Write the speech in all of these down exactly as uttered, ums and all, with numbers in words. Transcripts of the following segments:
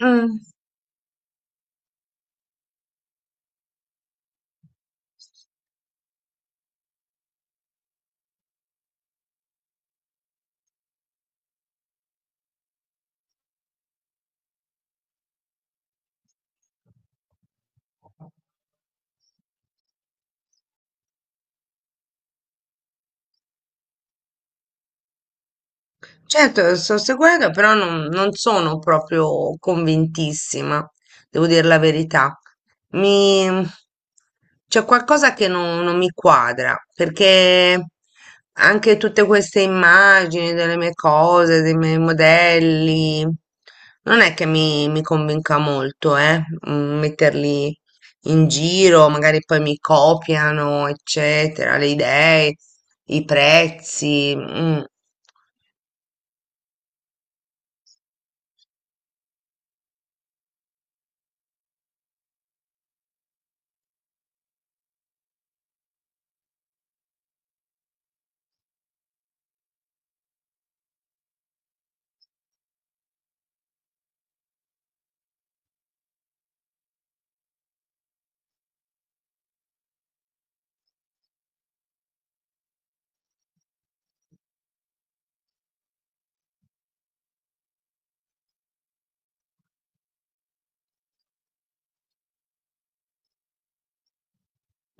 Mm, certo, lo sto seguendo, però non, non sono proprio convintissima, devo dire la verità. Mi... C'è qualcosa che non, non mi quadra, perché anche tutte queste immagini delle mie cose, dei miei modelli, non è che mi, mi convinca molto, eh, mm, metterli in giro, magari poi mi copiano, eccetera, le idee, i prezzi. Mm.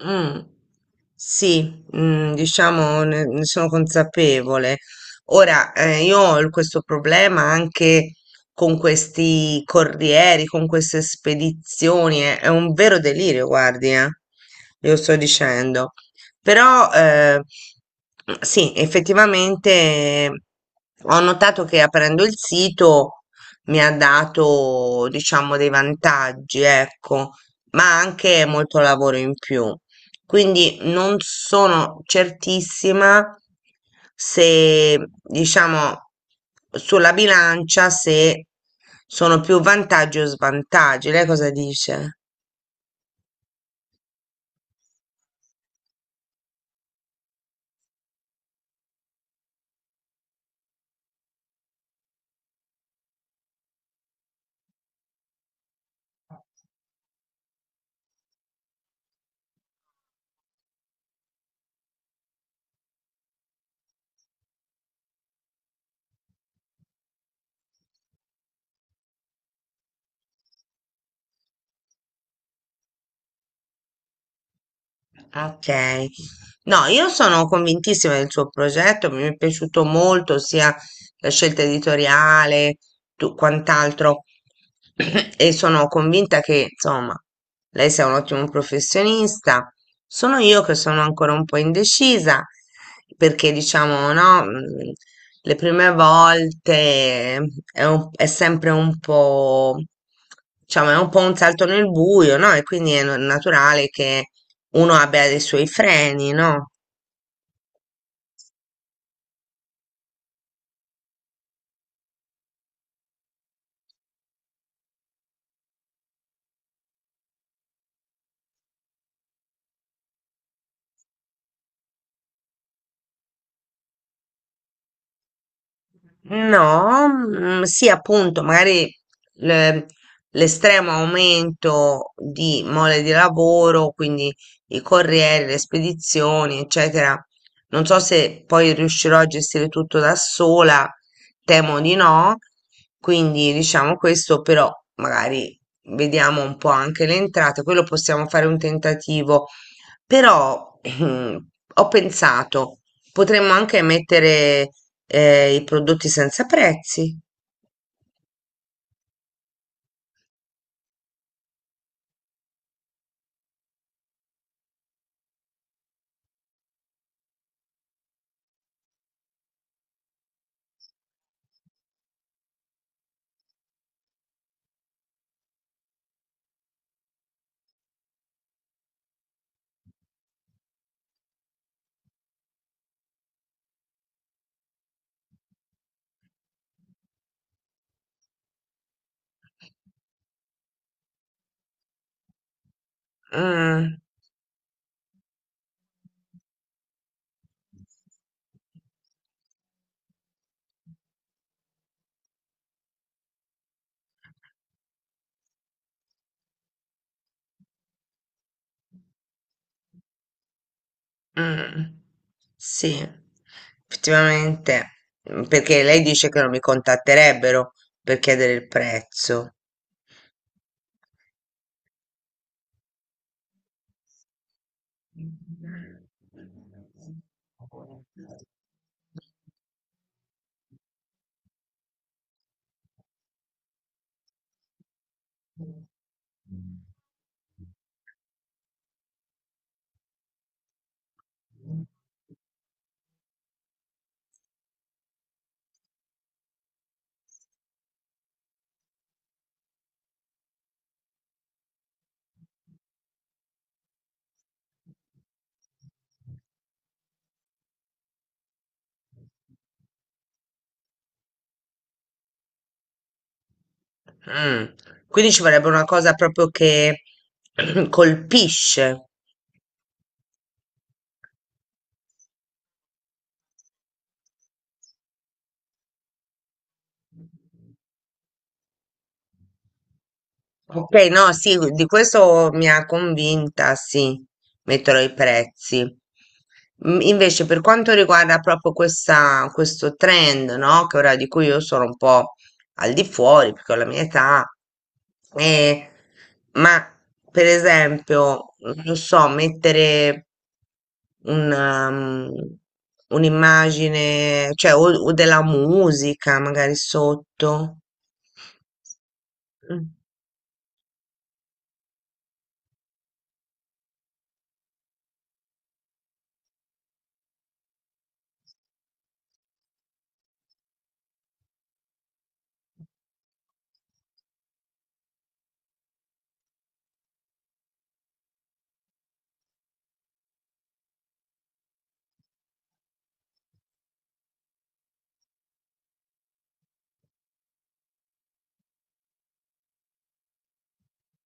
Mm, sì, mm, diciamo ne, ne sono consapevole. Ora, eh, io ho il- questo problema anche con questi corrieri, con queste spedizioni, è, è un vero delirio, guardi, eh, glielo sto dicendo. Però, eh, sì, effettivamente ho notato che aprendo il sito mi ha dato, diciamo, dei vantaggi, ecco, ma anche molto lavoro in più. Quindi non sono certissima se, diciamo, sulla bilancia se sono più vantaggi o svantaggi. Lei cosa dice? Ok. No, io sono convintissima del suo progetto, mi è piaciuto molto sia la scelta editoriale, tu- quant'altro, e sono convinta che, insomma, lei sia un ottimo professionista. Sono io che sono ancora un po' indecisa, perché diciamo, no, mm, le prime volte è, un- è sempre un po', diciamo, è un po' un salto nel buio, no? E quindi è no- naturale che uno abbia dei suoi freni, no? No, mm, sì, appunto, magari le- l'estremo aumento di mole di lavoro, quindi i corrieri, le spedizioni, eccetera. Non so se poi riuscirò a gestire tutto da sola, temo di no. Quindi diciamo questo, però magari vediamo un po' anche le entrate, quello possiamo fare un tentativo. Però ho pensato. Potremmo anche mettere eh, i prodotti senza prezzi. Mm, mm, sì, effettivamente. Mm, perché lei dice che non mi contatterebbero per chiedere il prezzo. Mm. Quindi ci vorrebbe una cosa proprio che colpisce. Ok, no, sì, di questo mi ha convinta, sì, metterò i prezzi. Mm. Invece, per quanto riguarda proprio questa, questo trend, no, che ora di cui io sono un po' al di fuori, perché ho la mia età, eh, ma per esempio, non so, mettere un, um, un'immagine, cioè o o della musica magari sotto. Mm.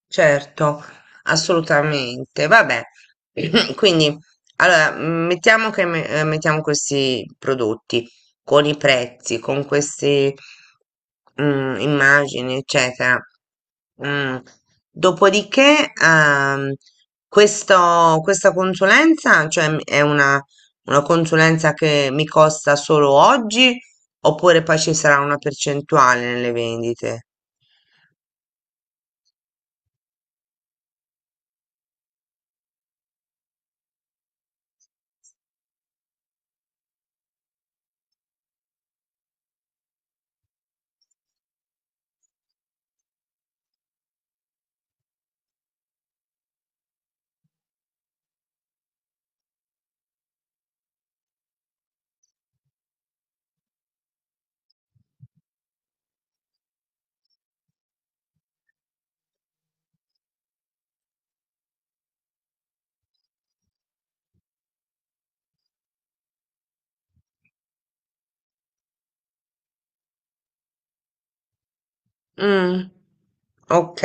Certo, assolutamente. Vabbè, quindi allora mm, mettiamo che me- eh, mettiamo questi prodotti con i prezzi, con queste mm, immagini, eccetera. Mm. Dopodiché, ehm, questo- questa consulenza, cioè m- è una, una consulenza che mi costa solo oggi, oppure poi ci sarà una percentuale nelle vendite? Mm, ok,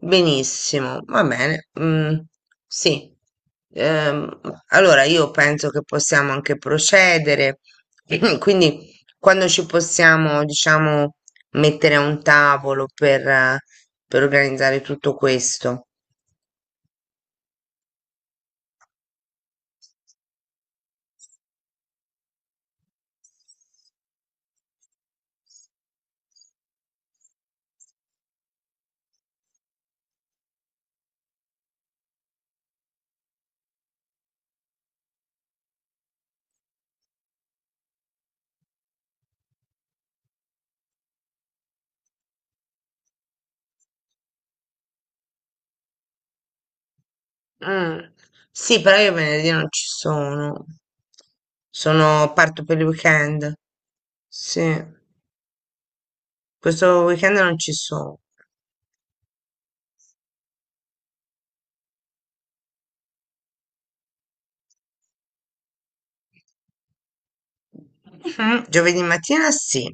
benissimo, va bene. Mm, sì. Ehm, allora io penso che possiamo anche procedere, quindi quando ci possiamo, diciamo, mettere a un tavolo per, eh, per organizzare tutto questo. Mm, sì, però io venerdì non ci sono, sono, parto per il weekend. Sì, questo weekend non ci sono. Mhm. Giovedì mattina sì,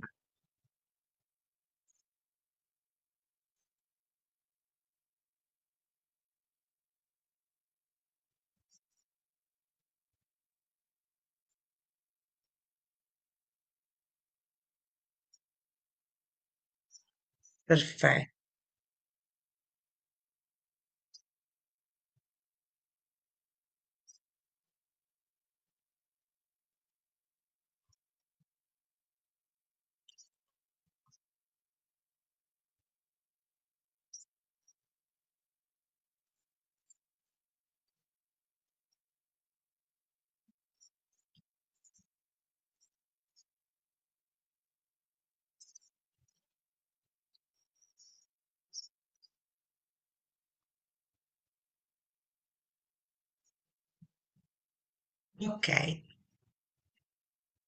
perfetto, ok.